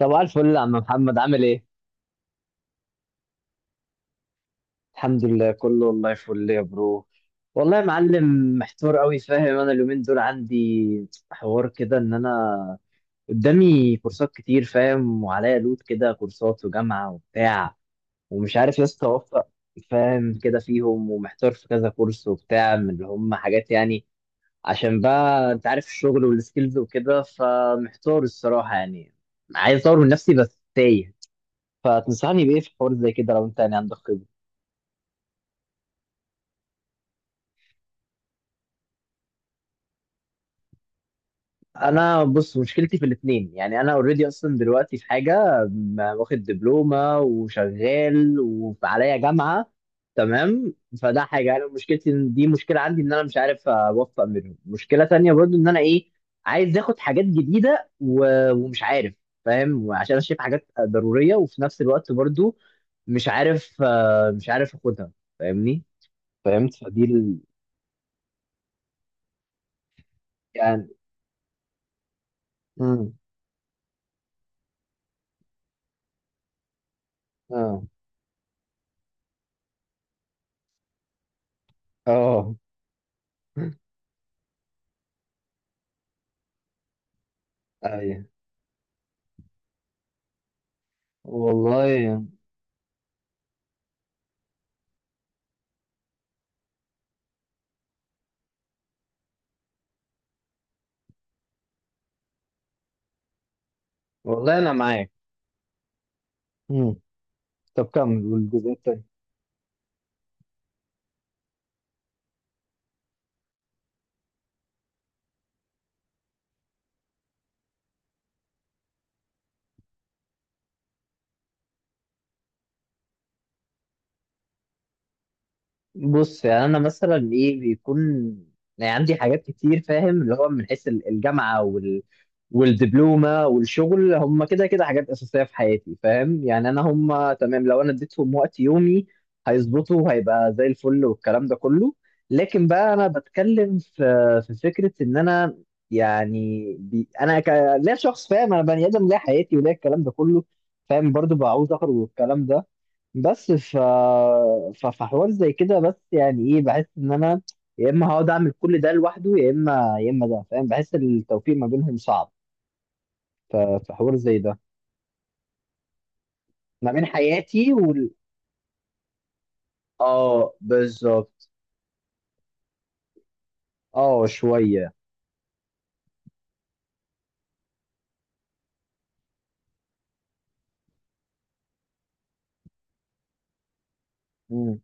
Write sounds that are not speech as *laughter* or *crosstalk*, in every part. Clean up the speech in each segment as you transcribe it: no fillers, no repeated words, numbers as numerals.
صباح الفل يا عم محمد، عامل ايه؟ الحمد لله كله، والله فل يا برو. والله يا معلم. محتار قوي، فاهم؟ انا اليومين دول عندي حوار كده ان انا قدامي كورسات كتير، فاهم؟ وعليا لود كده، كورسات وجامعة وبتاع، ومش عارف يا اسطى اوفق. فاهم كده؟ فيهم ومحتار في كذا كورس وبتاع، من اللي هم حاجات يعني، عشان بقى انت عارف الشغل والسكيلز وكده، فمحتار الصراحة يعني. عايز اطور من نفسي بس تايه. فتنصحني بايه في حوار زي كده، لو انت يعني عندك خبرة؟ انا بص، مشكلتي في الاثنين. يعني انا اوريدي اصلا دلوقتي في حاجه واخد دبلومه وشغال وعليا جامعه، تمام. فده حاجه، انا مشكلتي دي مشكله عندي ان انا مش عارف اوفق منهم. مشكله تانية برضو ان انا ايه، عايز اخد حاجات جديده ومش عارف. فاهم؟ عشان انا شايف حاجات ضروريه، وفي نفس الوقت برضو مش عارف. مش عارف اخدها. فاهمني؟ فهمت؟ يعني. امم. اه. اه. ايوه. والله. والله انا معاك. مم. طب كمل والجزء التاني. بص يعني انا مثلا ايه بيكون، يعني عندي حاجات كتير، فاهم؟ اللي هو من حيث الجامعه وال والدبلومه والشغل، هم كده كده حاجات اساسيه في حياتي، فاهم؟ يعني انا هم تمام، لو انا اديتهم وقت يومي هيظبطوا وهيبقى زي الفل والكلام ده كله. لكن بقى انا بتكلم في في فكره ان انا يعني لا، شخص فاهم، انا بني ادم، ليا حياتي وليا الكلام ده كله، فاهم؟ برضو بعوز اخرج والكلام ده. بس فحوار زي كده، بس يعني ايه، بحس ان انا يا اما هقعد اعمل كل ده لوحده، يا اما ده، فاهم؟ بحس التوفيق ما بينهم صعب. في حوار زي ده. ما بين حياتي وال اه، بالظبط. اه شويه. امم.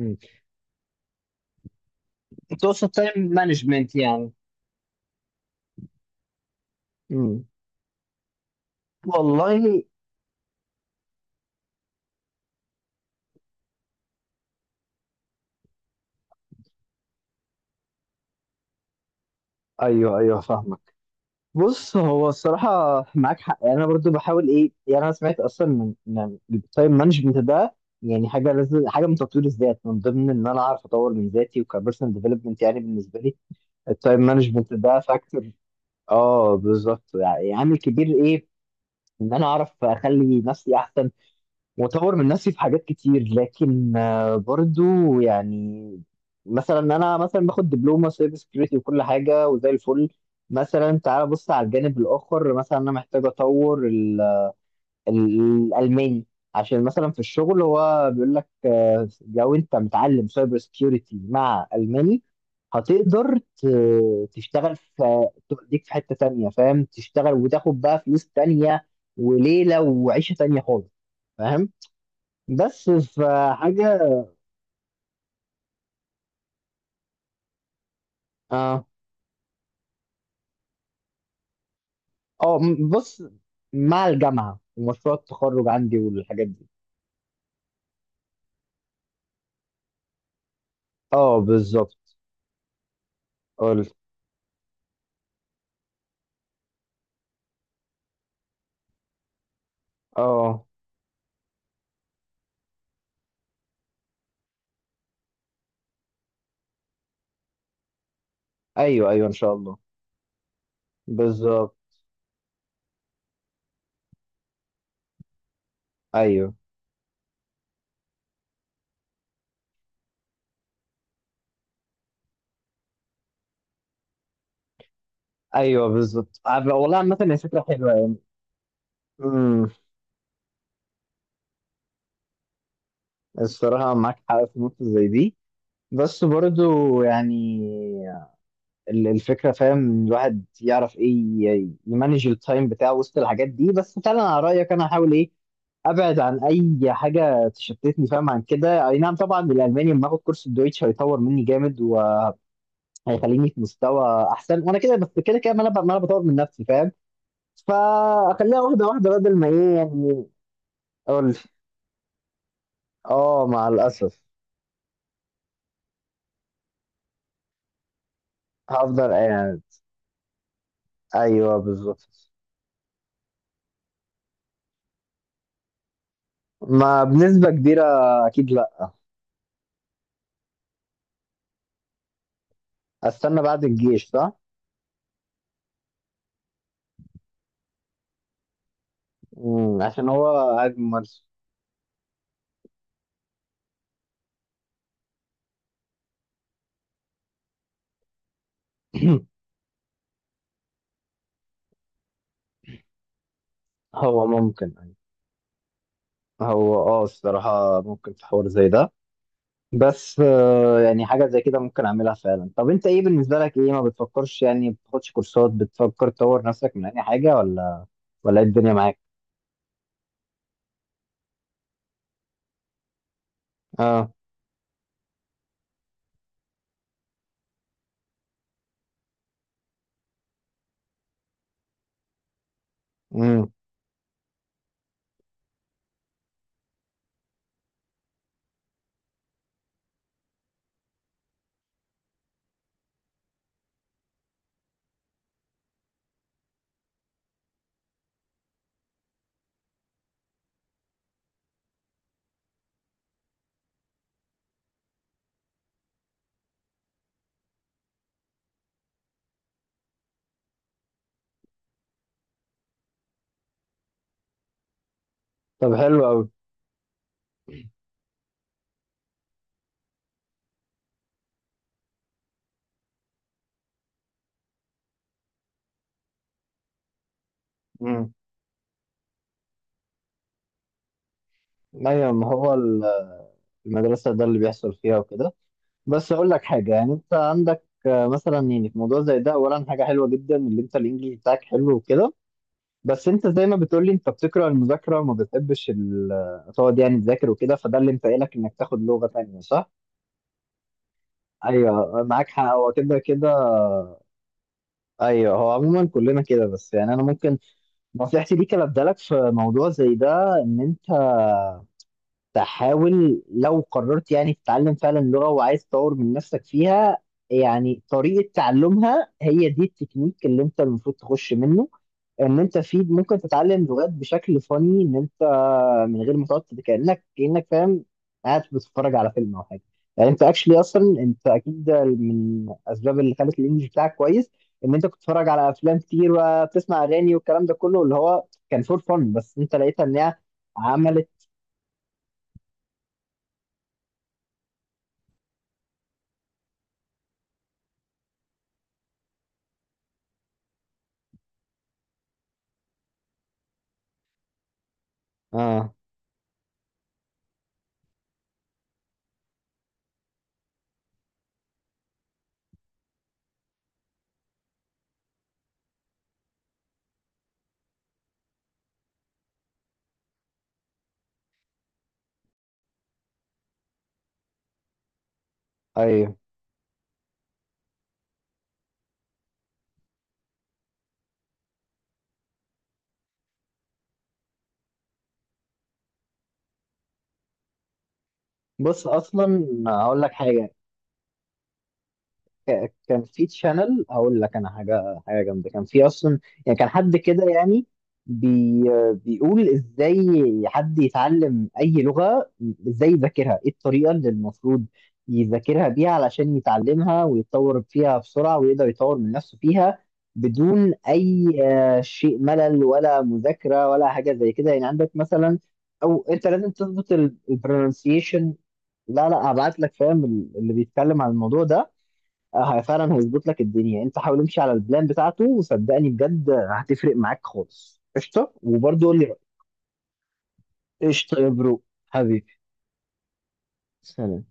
امم. تقصد تايم مانجمنت يعني. امم. والله. ايوه ايوه فاهمك. بص هو الصراحة، معاك حق يعني. أنا برضو بحاول إيه يعني، أنا سمعت أصلا من التايم مانجمنت ده، يعني حاجة لازم، حاجة من تطوير الذات، من ضمن إن أنا أعرف أطور من ذاتي، وكبيرسونال ديفلوبمنت، يعني بالنسبة لي التايم مانجمنت ده فاكتور. أه بالظبط، يعني عامل كبير إيه، إن أنا أعرف أخلي نفسي أحسن واطور من نفسي في حاجات كتير. لكن برضو يعني، مثلا انا مثلا باخد دبلومه سايبر سكيورتي وكل حاجه وزي الفل. مثلا تعال بص على الجانب الاخر، مثلا انا محتاج اطور الالماني. عشان مثلا في الشغل هو بيقول لك، لو انت متعلم سايبر سكيورتي مع الماني هتقدر تشتغل، في توديك في حته تانيه، فاهم؟ تشتغل وتاخد بقى فلوس تانيه وليله وعيشه تانيه خالص، فاهم؟ بس في حاجة. اه. اه بص، مع الجامعة ومشروع التخرج عندي والحاجات دي. اه بالظبط. قلت. اه. ايوه ايوه ان شاء الله. بالظبط. ايوه. ايوه بالظبط. والله عامة هي فكرة حلوة يعني. امم. الصراحة معاك حق في نقطة زي دي. بس برضو يعني الفكرة، فاهم؟ الواحد يعرف ايه، يمانج التايم بتاعه وسط الحاجات دي. بس فعلا على رأيك انا هحاول ايه، ابعد عن اي حاجه تشتتني، فاهم؟ عن كده، اي نعم طبعا. الالماني لما اخد كورس الدويتش هيطور مني جامد وهيخليني في مستوى احسن، وانا كده بس كده كده، ما انا بطور من نفسي، فاهم؟ فاخليها واحده واحده بدل ما ايه يعني. اقول. اه مع الاسف. هفضل قاعد. ايوه بالظبط. ما بنسبه كبيره، اكيد لا. استنى بعد الجيش صح. مم، عشان هو اجمل. *clears throat* هو ممكن أيوه. هو اه الصراحه ممكن في حوار زي ده. بس يعني حاجة زي كده ممكن أعملها فعلا. طب أنت إيه بالنسبة لك، إيه ما بتفكرش يعني، بتاخدش كورسات، بتفكر تطور نفسك من أي حاجة ولا ولا إيه الدنيا معاك؟ آه. امم. طب حلو أوي. امم. أيوة. ما هو المدرسة ده اللي بيحصل فيها وكده. بس أقول لك حاجة يعني، أنت عندك مثلا يعني في موضوع زي ده، أولا حاجة حلوة جدا اللي أنت الإنجليزي بتاعك حلو وكده. بس أنت زي ما بتقولي، أنت بتكره المذاكرة وما بتحبش تقعد يعني تذاكر وكده، فده اللي مفائلك إنك تاخد لغة تانية، صح؟ ايوه معاك حق، هو كده كده. ايوه هو عموما كلنا كده. بس يعني انا ممكن نصيحتي ليك، أنا ابدالك في موضوع زي ده، ان انت تحاول لو قررت يعني تتعلم فعلا لغه وعايز تطور من نفسك فيها، يعني طريقه تعلمها هي دي التكنيك اللي انت المفروض تخش منه. ان انت في ممكن تتعلم لغات بشكل فني، ان انت من غير ما تقعد كانك، فاهم؟ قاعد بتتفرج على فيلم او حاجه. يعني انت اكشلي اصلا، انت اكيد ده من الاسباب اللي خلت الانجليش بتاعك كويس، ان انت كنت بتتفرج على افلام كتير وبتسمع اغاني والكلام ده كله اللي هو كان فور فن، بس انت لقيتها ان هي عملت. اه. ايوه. بص اصلا هقول لك حاجه، كان في تشانل اقول لك انا، حاجه جامده، كان في اصلا يعني كان حد كده يعني بي بيقول ازاي حد يتعلم اي لغه، ازاي يذاكرها، ايه الطريقه اللي المفروض يذاكرها بيها علشان يتعلمها ويتطور فيها بسرعه ويقدر يطور من نفسه فيها بدون اي شيء ملل ولا مذاكره ولا حاجه زي كده. يعني عندك مثلا، او انت لازم تظبط البرونسيشن. لا لا، هبعت لك، فاهم؟ اللي بيتكلم عن الموضوع ده، فعلا هيظبط لك الدنيا. انت حاول امشي على البلان بتاعته، وصدقني بجد هتفرق معاك خالص. قشطه؟ وبرضه قول لي رأيك. قشطه يا برو. حبيبي. سلام.